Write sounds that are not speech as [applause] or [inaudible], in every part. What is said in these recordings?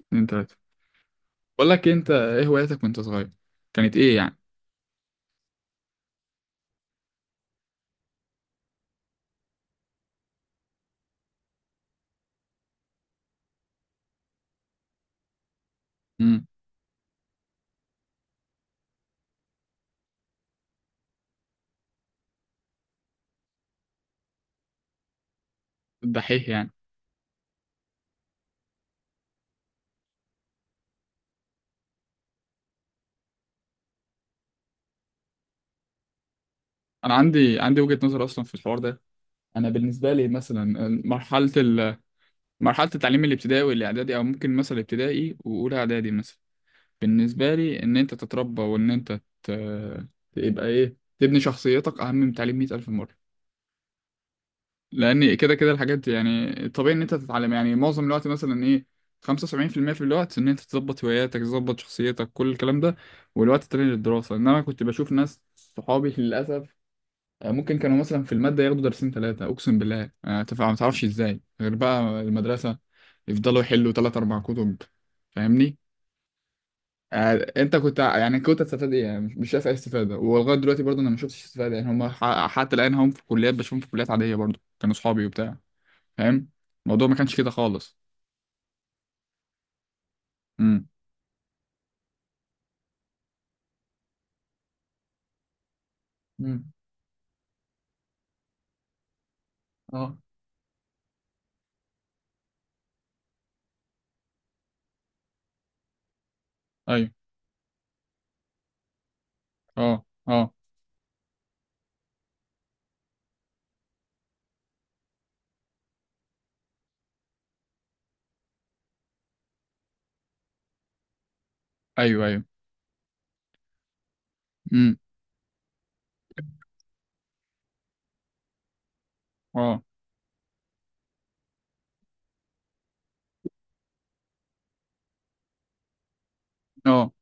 اتنين تلاتة. بقول لك إيه، انت ايه هواياتك وانت صغير؟ كانت ايه يعني؟ امم. الدحيح يعني. انا عندي وجهة نظر اصلا في الحوار ده. انا بالنسبة لي مثلا مرحلة ال... مرحلة التعليم الابتدائي والاعدادي او ممكن مثلا ابتدائي واولى اعدادي مثلا. بالنسبة لي ان انت تتربى تبقى ايه، تبني شخصيتك اهم من تعليم 100,000 مرة. لان كده كده الحاجات دي يعني طبيعي ان انت تتعلم، يعني معظم الوقت مثلا ايه، 75% في المية في الوقت ان انت تظبط هواياتك تظبط شخصيتك كل الكلام ده، والوقت التاني للدراسه. انما كنت بشوف ناس صحابي للاسف ممكن كانوا مثلا في الماده ياخدوا درسين ثلاثه، اقسم بالله ما تعرفش ازاي، غير بقى المدرسه يفضلوا يحلوا ثلاث اربع كتب. فاهمني؟ انت كنت هتستفاد ايه يعني؟ مش شايف اي استفاده، ولغايه دلوقتي برضه انا ما شفتش استفاده. يعني هم حتى الان هم في كليات، بشوفهم في كليات عاديه برضه كانوا صحابي وبتاع. فاهم؟ الموضوع ما كانش كده خالص. امم. امم. اه. ايوه. اه اه. ايوه ايوه. امم. اه اه.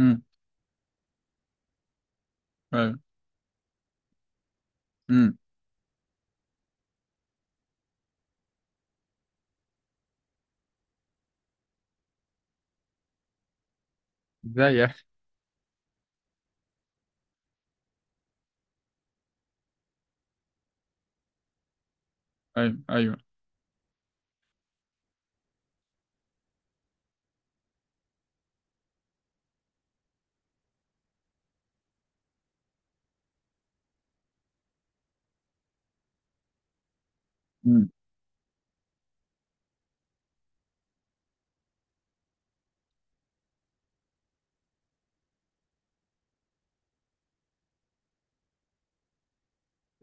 امم. ايوه. امم. ازاي يا اخي؟ ايوه ايوه. امم.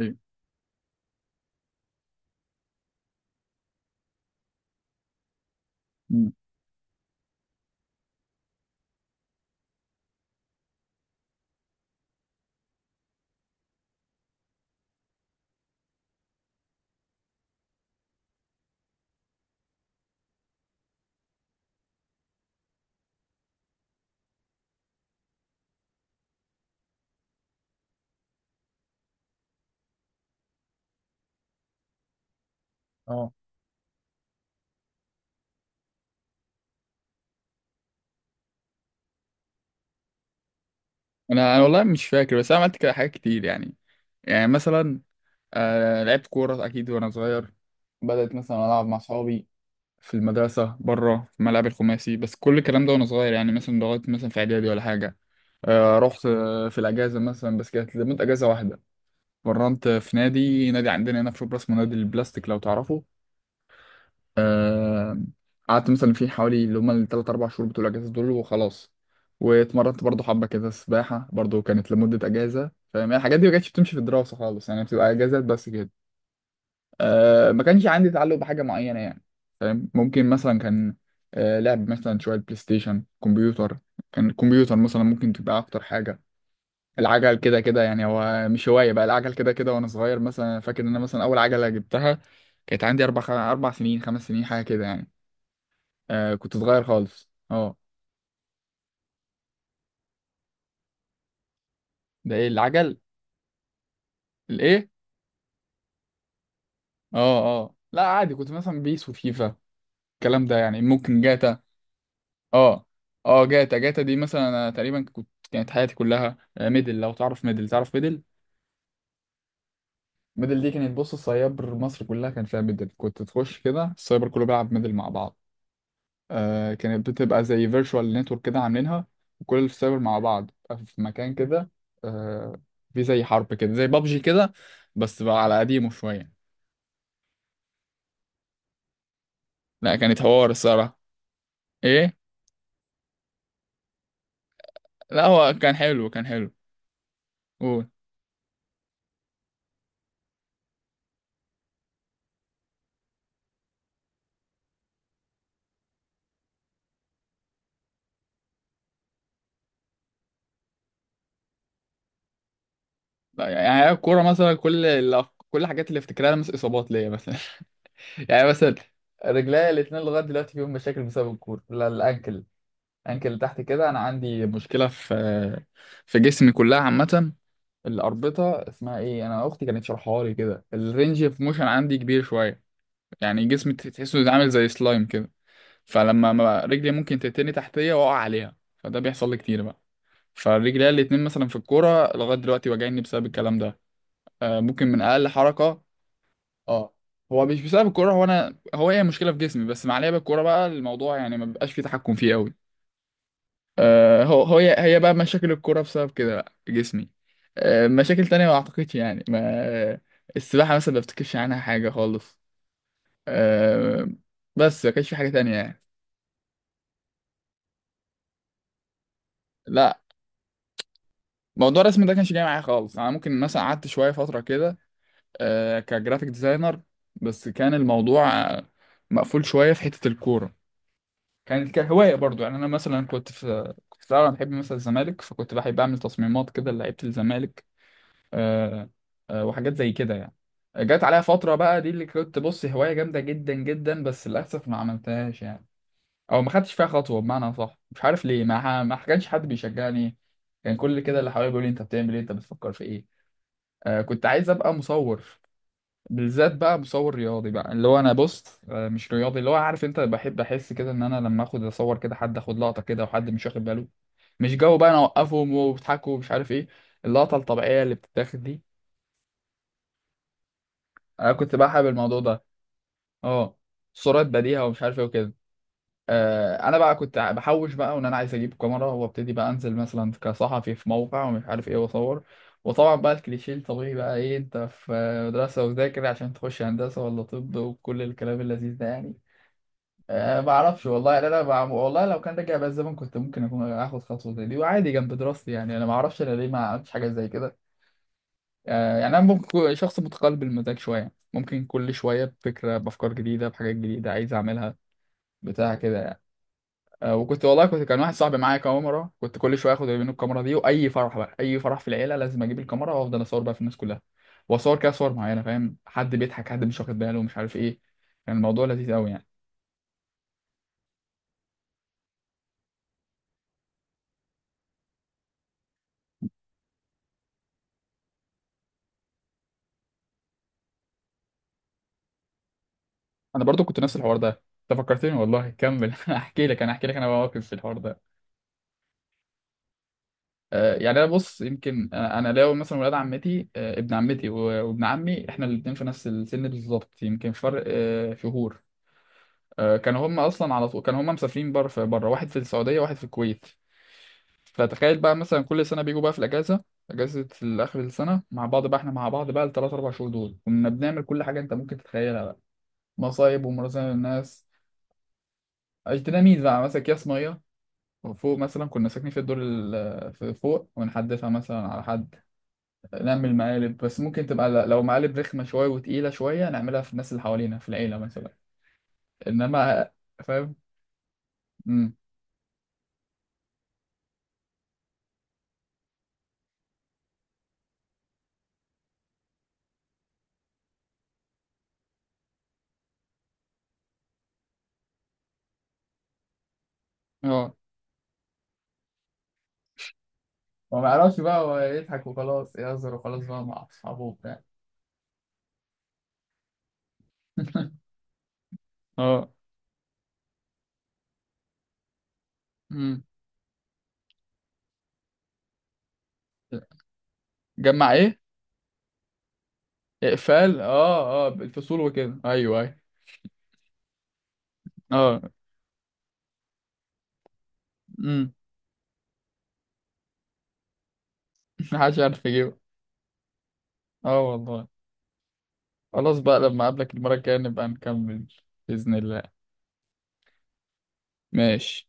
ايوه. امم. اه. انا والله مش فاكر، بس انا عملت كده حاجات كتير يعني. يعني مثلا آه لعبت كوره اكيد وانا صغير، بدأت مثلا العب مع اصحابي في المدرسه، بره في الملعب الخماسي. بس كل الكلام ده وانا صغير يعني، مثلا لغايه مثلا في اعدادي ولا حاجه. آه رحت آه في الاجازه مثلا، بس كانت لمده اجازه واحده. اتمرنت في نادي عندنا هنا في شبرا اسمه نادي البلاستيك، لو تعرفه. آه، قعدت مثلا فيه حوالي اللي هما التلات أربع شهور بتوع الأجازة دول، وخلاص. واتمرنت برضه حبة كده سباحة، برضه كانت لمدة أجازة. فاهم يعني؟ الحاجات دي ما كانتش بتمشي في الدراسة خالص، يعني بتبقى أجازات بس كده. أه ما كانش عندي تعلق بحاجة معينة يعني. فاهم؟ ممكن مثلا كان، أه لعب مثلا شوية بلاي ستيشن، كمبيوتر. كان الكمبيوتر مثلا ممكن تبقى أكتر حاجة. العجل كده كده يعني هو مش هواية بقى، العجل كده كده وأنا صغير. مثلا فاكر إن أنا مثلا أول عجلة جبتها كانت عندي أربع سنين، خمس سنين، حاجة كده يعني. آه كنت صغير خالص، أه. ده إيه؟ العجل. الإيه؟ أه أه، لا عادي، كنت مثلا بيس وفيفا، الكلام ده يعني. ممكن جاتا. أه أه، جاتا دي مثلا أنا تقريبا كنت، كانت حياتي كلها آه، ميدل. لو تعرف ميدل، تعرف ميدل؟ ميدل دي كانت، بص، السايبر مصر كلها كان فيها ميدل، كنت تخش كده السايبر كله بيلعب ميدل مع بعض. آه كانت بتبقى زي فيرتشوال نتورك كده عاملينها، وكل السايبر مع بعض بتبقى في مكان كده. آه في زي حرب كده، زي بابجي كده، بس بقى على قديمه شوية. لا كانت حوار الصراحة. ايه؟ لا هو كان حلو، كان حلو. قول. لا يعني هي الكورة مثلا، كل كل الحاجات اللي افتكرها مثلا اصابات ليا مثلا. [laughs] يعني مثلا رجليا الاثنين لغايه دلوقتي فيهم مشاكل بسبب الكوره، لا الانكل، الانكل اللي تحت كده. انا عندي مشكله في في جسمي كلها عامه، الاربطه اسمها ايه، انا اختي كانت شرحها لي كده، الرينج اوف موشن عندي كبير شويه. يعني جسمي تحسه زي، عامل زي سلايم كده. فلما رجلي ممكن تتني تحتيه، واقع عليها، فده بيحصل لي كتير بقى. فرجليا الاتنين مثلا في الكوره لغايه دلوقتي واجعني بسبب الكلام ده. آه ممكن من اقل حركه. اه هو مش بسبب الكوره، هو انا، هو هي مشكله في جسمي، بس مع لعب الكوره بقى الموضوع يعني ما بيبقاش فيه تحكم فيه قوي. آه، هو هي بقى مشاكل الكوره بسبب كده بقى جسمي. آه، مشاكل تانية ما اعتقدش يعني، ما. السباحه مثلا ما بفتكرش عنها حاجه خالص. آه، بس ما كانش في حاجه تانية يعني. لا موضوع الرسم ده كانش جاي معايا خالص. انا ممكن مثلا قعدت شويه فتره كده آه، كجرافيك ديزاينر. بس كان الموضوع آه، مقفول شويه في حته الكوره. كانت كهوايه برضو يعني، انا مثلا كنت في الاول أنا بحب مثلا الزمالك، فكنت بحب اعمل تصميمات كده لعيبه الزمالك. آه، آه، وحاجات زي كده يعني. جت عليها فترة بقى، دي اللي كنت بص هواية جامدة جدا جدا، بس للأسف ما عملتهاش يعني. أو ما خدتش فيها خطوة بمعنى صح، مش عارف ليه، ما كانش حد بيشجعني. كان كل كده اللي حواليا بيقول لي أنت بتعمل إيه، أنت بتفكر في إيه. آه كنت عايز أبقى مصور، بالذات بقى مصور رياضي بقى، اللي هو أنا بص آه مش رياضي، اللي هو عارف أنت، بحب أحس كده إن أنا لما آخد أصور كده، حد آخد لقطة كده وحد مش واخد باله، مش جو بقى أنا أوقفهم وبيضحكوا ومش عارف إيه، اللقطة الطبيعية اللي بتتاخد دي. انا كنت بقى حابب الموضوع ده. اه. صورات بديهة ومش عارف ايه وكده. آه انا بقى كنت بحوش بقى، وان انا عايز اجيب كاميرا وابتدي بقى انزل مثلا كصحفي في موقع ومش عارف ايه واصور. وطبعا بقى الكليشيه الطبيعي بقى، ايه انت في مدرسة وذاكر عشان تخش هندسة ولا طب وكل الكلام اللذيذ ده يعني. أه ما اعرفش والله يعني. والله لو كان رجع بقى الزمن كنت ممكن اكون اخد خطوة زي دي وعادي جنب دراستي يعني. انا ما اعرفش انا ليه ما عملتش حاجة زي كده. آه، يعني انا ممكن شخص متقلب المزاج شويه، ممكن كل شويه بفكره بافكار جديده، بحاجات جديده عايز اعملها، بتاع كده يعني. أه وكنت والله كنت، كان واحد صاحبي معايا كاميرا، كنت كل شويه اخد منه الكاميرا دي، واي فرح بقى، اي فرح في العيله لازم اجيب الكاميرا وافضل اصور بقى في الناس كلها، واصور كده صور معينه، فاهم، حد بيضحك حد مش واخد باله مش عارف ايه. كان الموضوع لذيذ قوي يعني. انا برضو كنت نفس الحوار ده. انت فكرتني والله، كمل. [laughs] احكي لك انا، احكي لك انا مواقف في الحوار ده. آه، يعني انا بص، يمكن أنا لو مثلا ولاد عمتي آه، ابن عمتي وابن عمي، احنا الاثنين في نفس السن بالظبط، يمكن فرق آه، شهور. آه، كانوا هم اصلا على طول كانوا هم مسافرين بره، في بره واحد في السعوديه واحد في الكويت. فتخيل بقى مثلا كل سنه بيجوا بقى في الاجازه، اجازه اخر السنه، مع بعض بقى. احنا مع بعض بقى الثلاث اربع شهور دول كنا بنعمل كل حاجه انت ممكن تتخيلها بقى. مصايب ومراسم للناس. اجتناميز بقى، مثلا اكياس ميه، وفوق مثلا كنا ساكنين في فوق، ونحدفها مثلا على حد. نعمل مقالب، بس ممكن تبقى لو مقالب رخمة شوية وتقيلة شوية، نعملها في الناس اللي حوالينا في العيلة مثلا. إنما [laughs] فاهم. امم. اه. هو ما يعرفش بقى، هو يضحك وخلاص، يهزر وخلاص بقى مع أصحابه وبتاع. [laughs] اه. امم. جمع إيه؟ إقفال، اه اه بالفصول وكده، أيوه أيوه. اه. امم. [laughs] محدش عارف يجيبه. اه والله. خلاص بقى، لما أقابلك المرة الجاية نبقى نكمل. بإذن الله. ماشي.